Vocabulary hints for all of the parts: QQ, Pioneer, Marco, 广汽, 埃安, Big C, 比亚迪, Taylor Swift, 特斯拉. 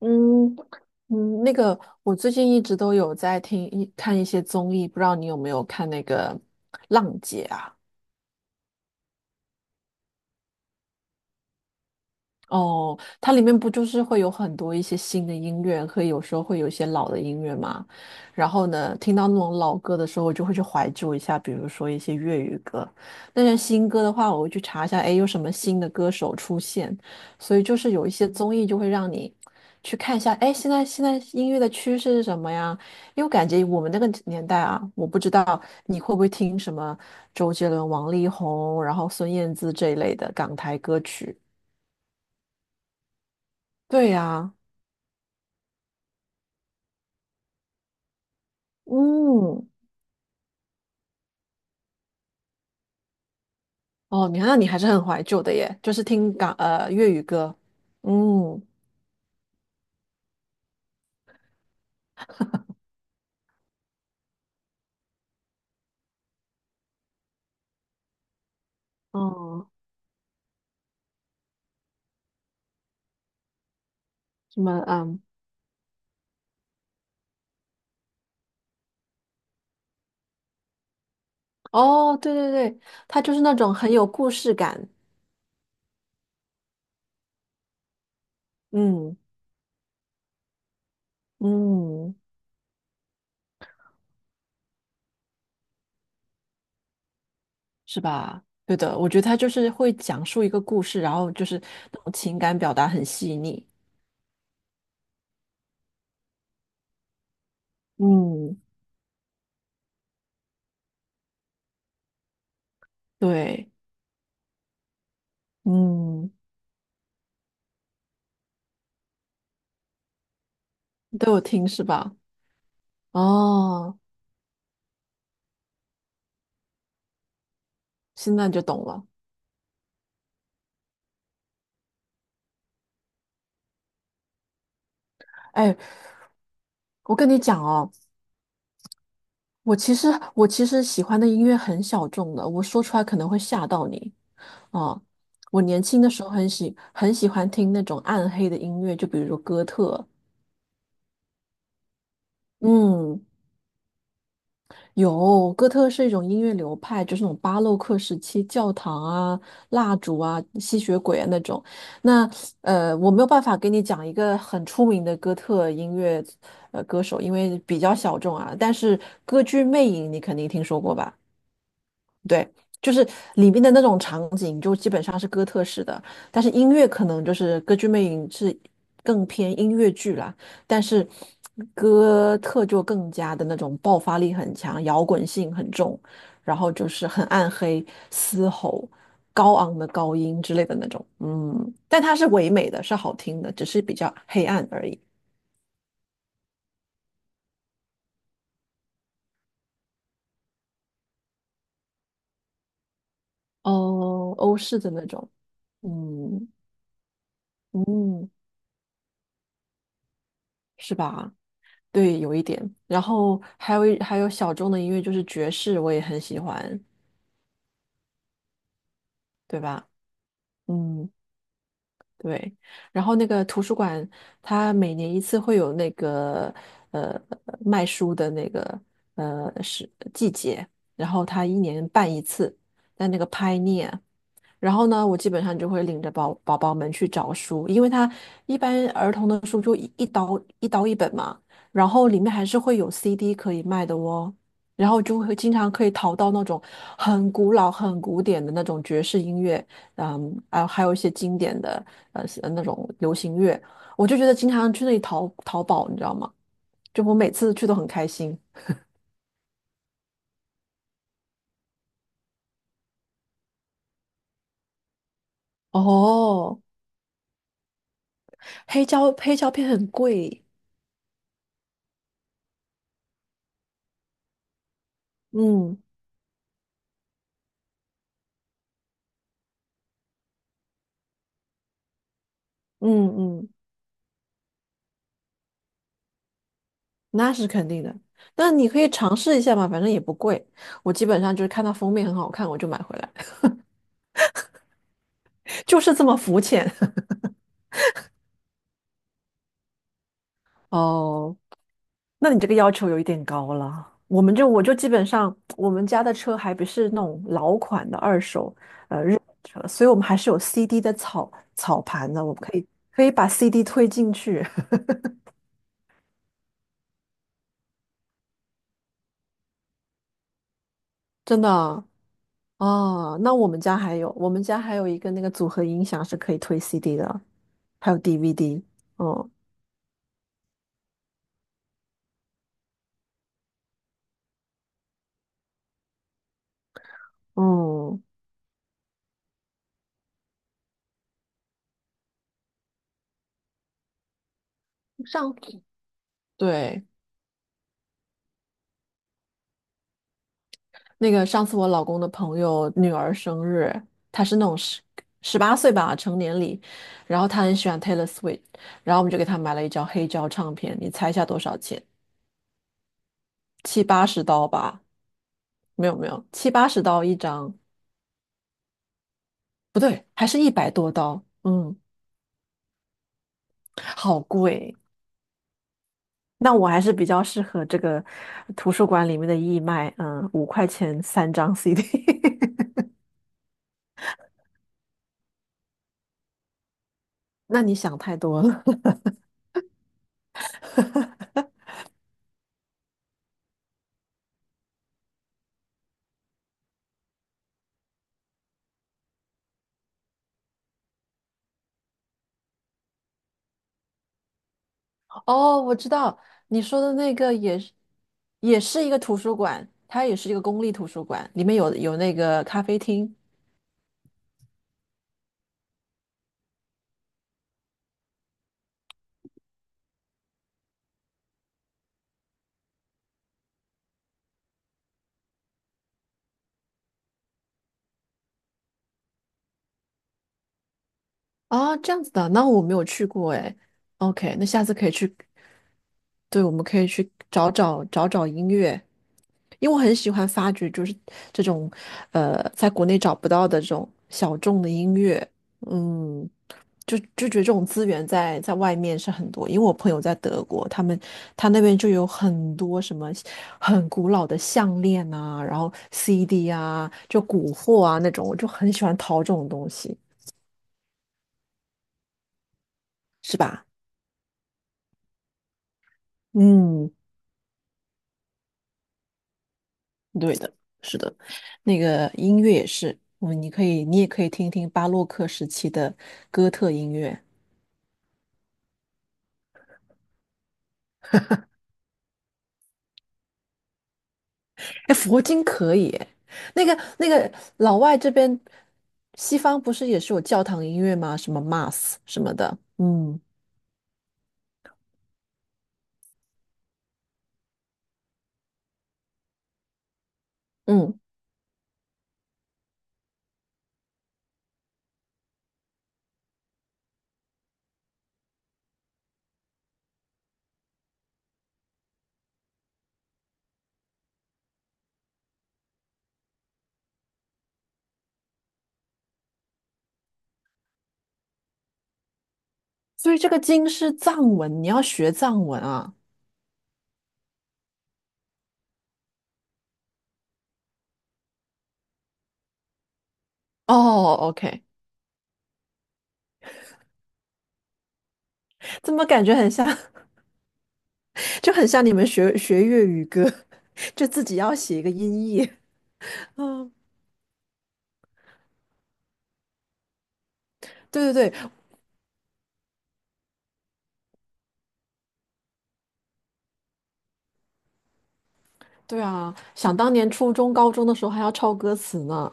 嗯嗯，那个我最近一直都有在看一些综艺，不知道你有没有看那个《浪姐》啊？哦，它里面不就是会有很多一些新的音乐，可以有时候会有一些老的音乐嘛。然后呢，听到那种老歌的时候，我就会去怀旧一下，比如说一些粤语歌。那些新歌的话，我会去查一下，哎，有什么新的歌手出现。所以就是有一些综艺就会让你去看一下，哎，现在音乐的趋势是什么呀？因为我感觉我们那个年代啊，我不知道你会不会听什么周杰伦、王力宏，然后孙燕姿这一类的港台歌曲。对呀、嗯，哦，你看，那你还是很怀旧的耶，就是听粤语歌，嗯，哦，什么嗯，哦，对对对，它就是那种很有故事感，嗯嗯，是吧？对的，我觉得它就是会讲述一个故事，然后就是那种情感表达很细腻，嗯，对，嗯，都有听是吧？哦，现在就懂了。哎，我跟你讲哦。我其实我其实喜欢的音乐很小众的，我说出来可能会吓到你啊。我年轻的时候很喜欢听那种暗黑的音乐，就比如说哥特。嗯，有，哥特是一种音乐流派，就是那种巴洛克时期教堂啊、蜡烛啊、吸血鬼啊那种。那我没有办法给你讲一个很出名的哥特音乐歌手，因为比较小众啊。但是歌剧《魅影》你肯定听说过吧？对，就是里面的那种场景，就基本上是哥特式的，但是音乐可能就是《歌剧魅影》是更偏音乐剧啦，但是哥特就更加的那种爆发力很强，摇滚性很重，然后就是很暗黑、嘶吼、高昂的高音之类的那种，嗯，但它是唯美的，是好听的，只是比较黑暗而已。哦，欧式的那种，嗯嗯，是吧？对，有一点。然后还有小众的音乐，就是爵士，我也很喜欢，对吧？嗯，对。然后那个图书馆，它每年一次会有那个呃卖书的那个是季节，然后它一年办一次，在那个 Pioneer。然后呢，我基本上就会领着宝宝们去找书，因为它一般儿童的书就一本嘛，然后里面还是会有 CD 可以卖的哦，然后就会经常可以淘到那种很古老、很古典的那种爵士音乐，嗯，啊，还有一些经典的那种流行乐，我就觉得经常去那里淘淘宝，你知道吗？就我每次去都很开心。哦，黑胶片很贵，嗯嗯嗯。那是肯定的。那你可以尝试一下嘛，反正也不贵。我基本上就是看到封面很好看，我就买回来，就是这么肤浅。哦，那你这个要求有一点高了。我就基本上我们家的车还不是那种老款的二手日本车，所以我们还是有 CD 的草草盘的，我们可以把 CD 推进去，真的啊，哦那我们家还有一个那个组合音响是可以推 CD 的，还有 DVD，哦，嗯。嗯上次对，那个上次我老公的朋友女儿生日，她是那种18岁吧成年礼，然后她很喜欢 Taylor Swift，然后我们就给她买了一张黑胶唱片，你猜一下多少钱？七八十刀吧？没有没有，七八十刀一张，不对，还是100多刀，嗯，好贵。那我还是比较适合这个图书馆里面的义卖，嗯，5块钱3张 CD。那你想太多了。哦，我知道你说的那个也是，也是一个图书馆，它也是一个公立图书馆，里面有那个咖啡厅啊，这样子的，那我没有去过哎。OK，那下次可以去对，我们可以去找找音乐，因为我很喜欢发掘，就是这种，呃，在国内找不到的这种小众的音乐，嗯，就觉得这种资源在外面是很多，因为我朋友在德国，他那边就有很多什么很古老的项链啊，然后 CD 啊，就古货啊那种，我就很喜欢淘这种东西，是吧？嗯，对的，是的，那个音乐也是，嗯，你可以，你也可以听听巴洛克时期的哥特音乐，哎，佛经可以诶那个老外这边，西方不是也是有教堂音乐吗？什么 Mass 什么的，嗯嗯，所以这个经是藏文，你要学藏文啊。哦，OK，怎么感觉很像，就很像你们学学粤语歌，就自己要写一个音译。嗯，对对对，对啊，想当年初中、高中的时候还要抄歌词呢，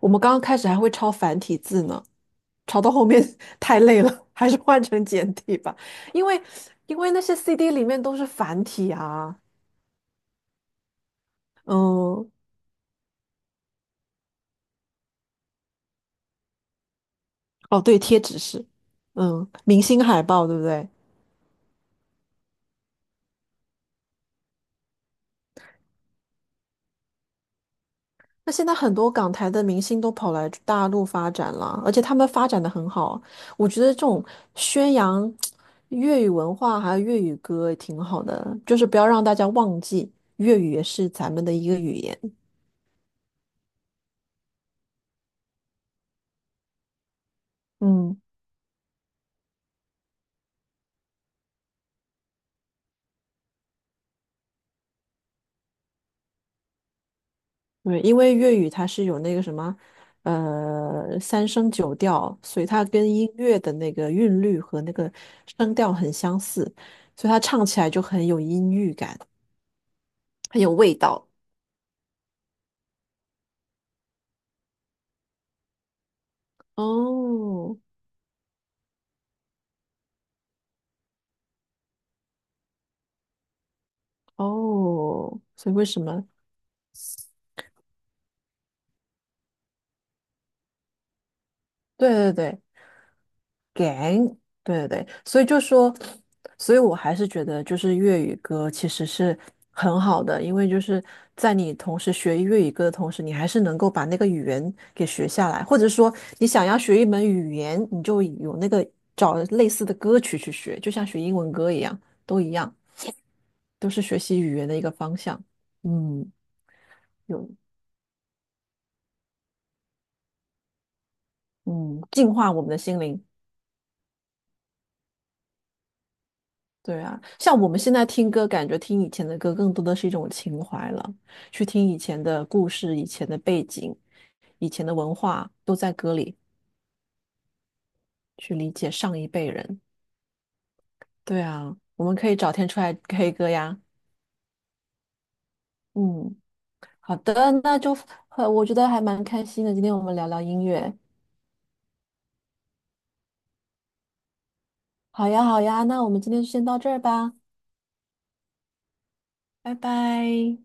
我们刚刚开始还会抄繁体字呢，抄到后面 太累了，还是换成简体吧，因为因为那些 CD 里面都是繁体啊，嗯，哦对，贴纸是，嗯，明星海报对不对？那现在很多港台的明星都跑来大陆发展了，而且他们发展的很好。我觉得这种宣扬粤语文化还有粤语歌也挺好的，就是不要让大家忘记粤语也是咱们的一个语言。嗯，对，因为粤语它是有那个什么，呃，三声九调，所以它跟音乐的那个韵律和那个声调很相似，所以它唱起来就很有音域感，很有味道。哦。哦，所以为什么？对对对，gang，对对对，所以就说，所以我还是觉得就是粤语歌其实是很好的，因为就是在你同时学粤语歌的同时，你还是能够把那个语言给学下来，或者说你想要学一门语言，你就有那个找类似的歌曲去学，就像学英文歌一样，都一样，都是学习语言的一个方向。嗯，有，嗯，净化我们的心灵。对啊，像我们现在听歌，感觉听以前的歌更多的是一种情怀了，去听以前的故事、以前的背景、以前的文化，都在歌里去理解上一辈人。对啊，我们可以找天出来 K 歌呀。嗯，好的，那就我觉得还蛮开心的，今天我们聊聊音乐。好呀，好呀，那我们今天就先到这儿吧，拜拜。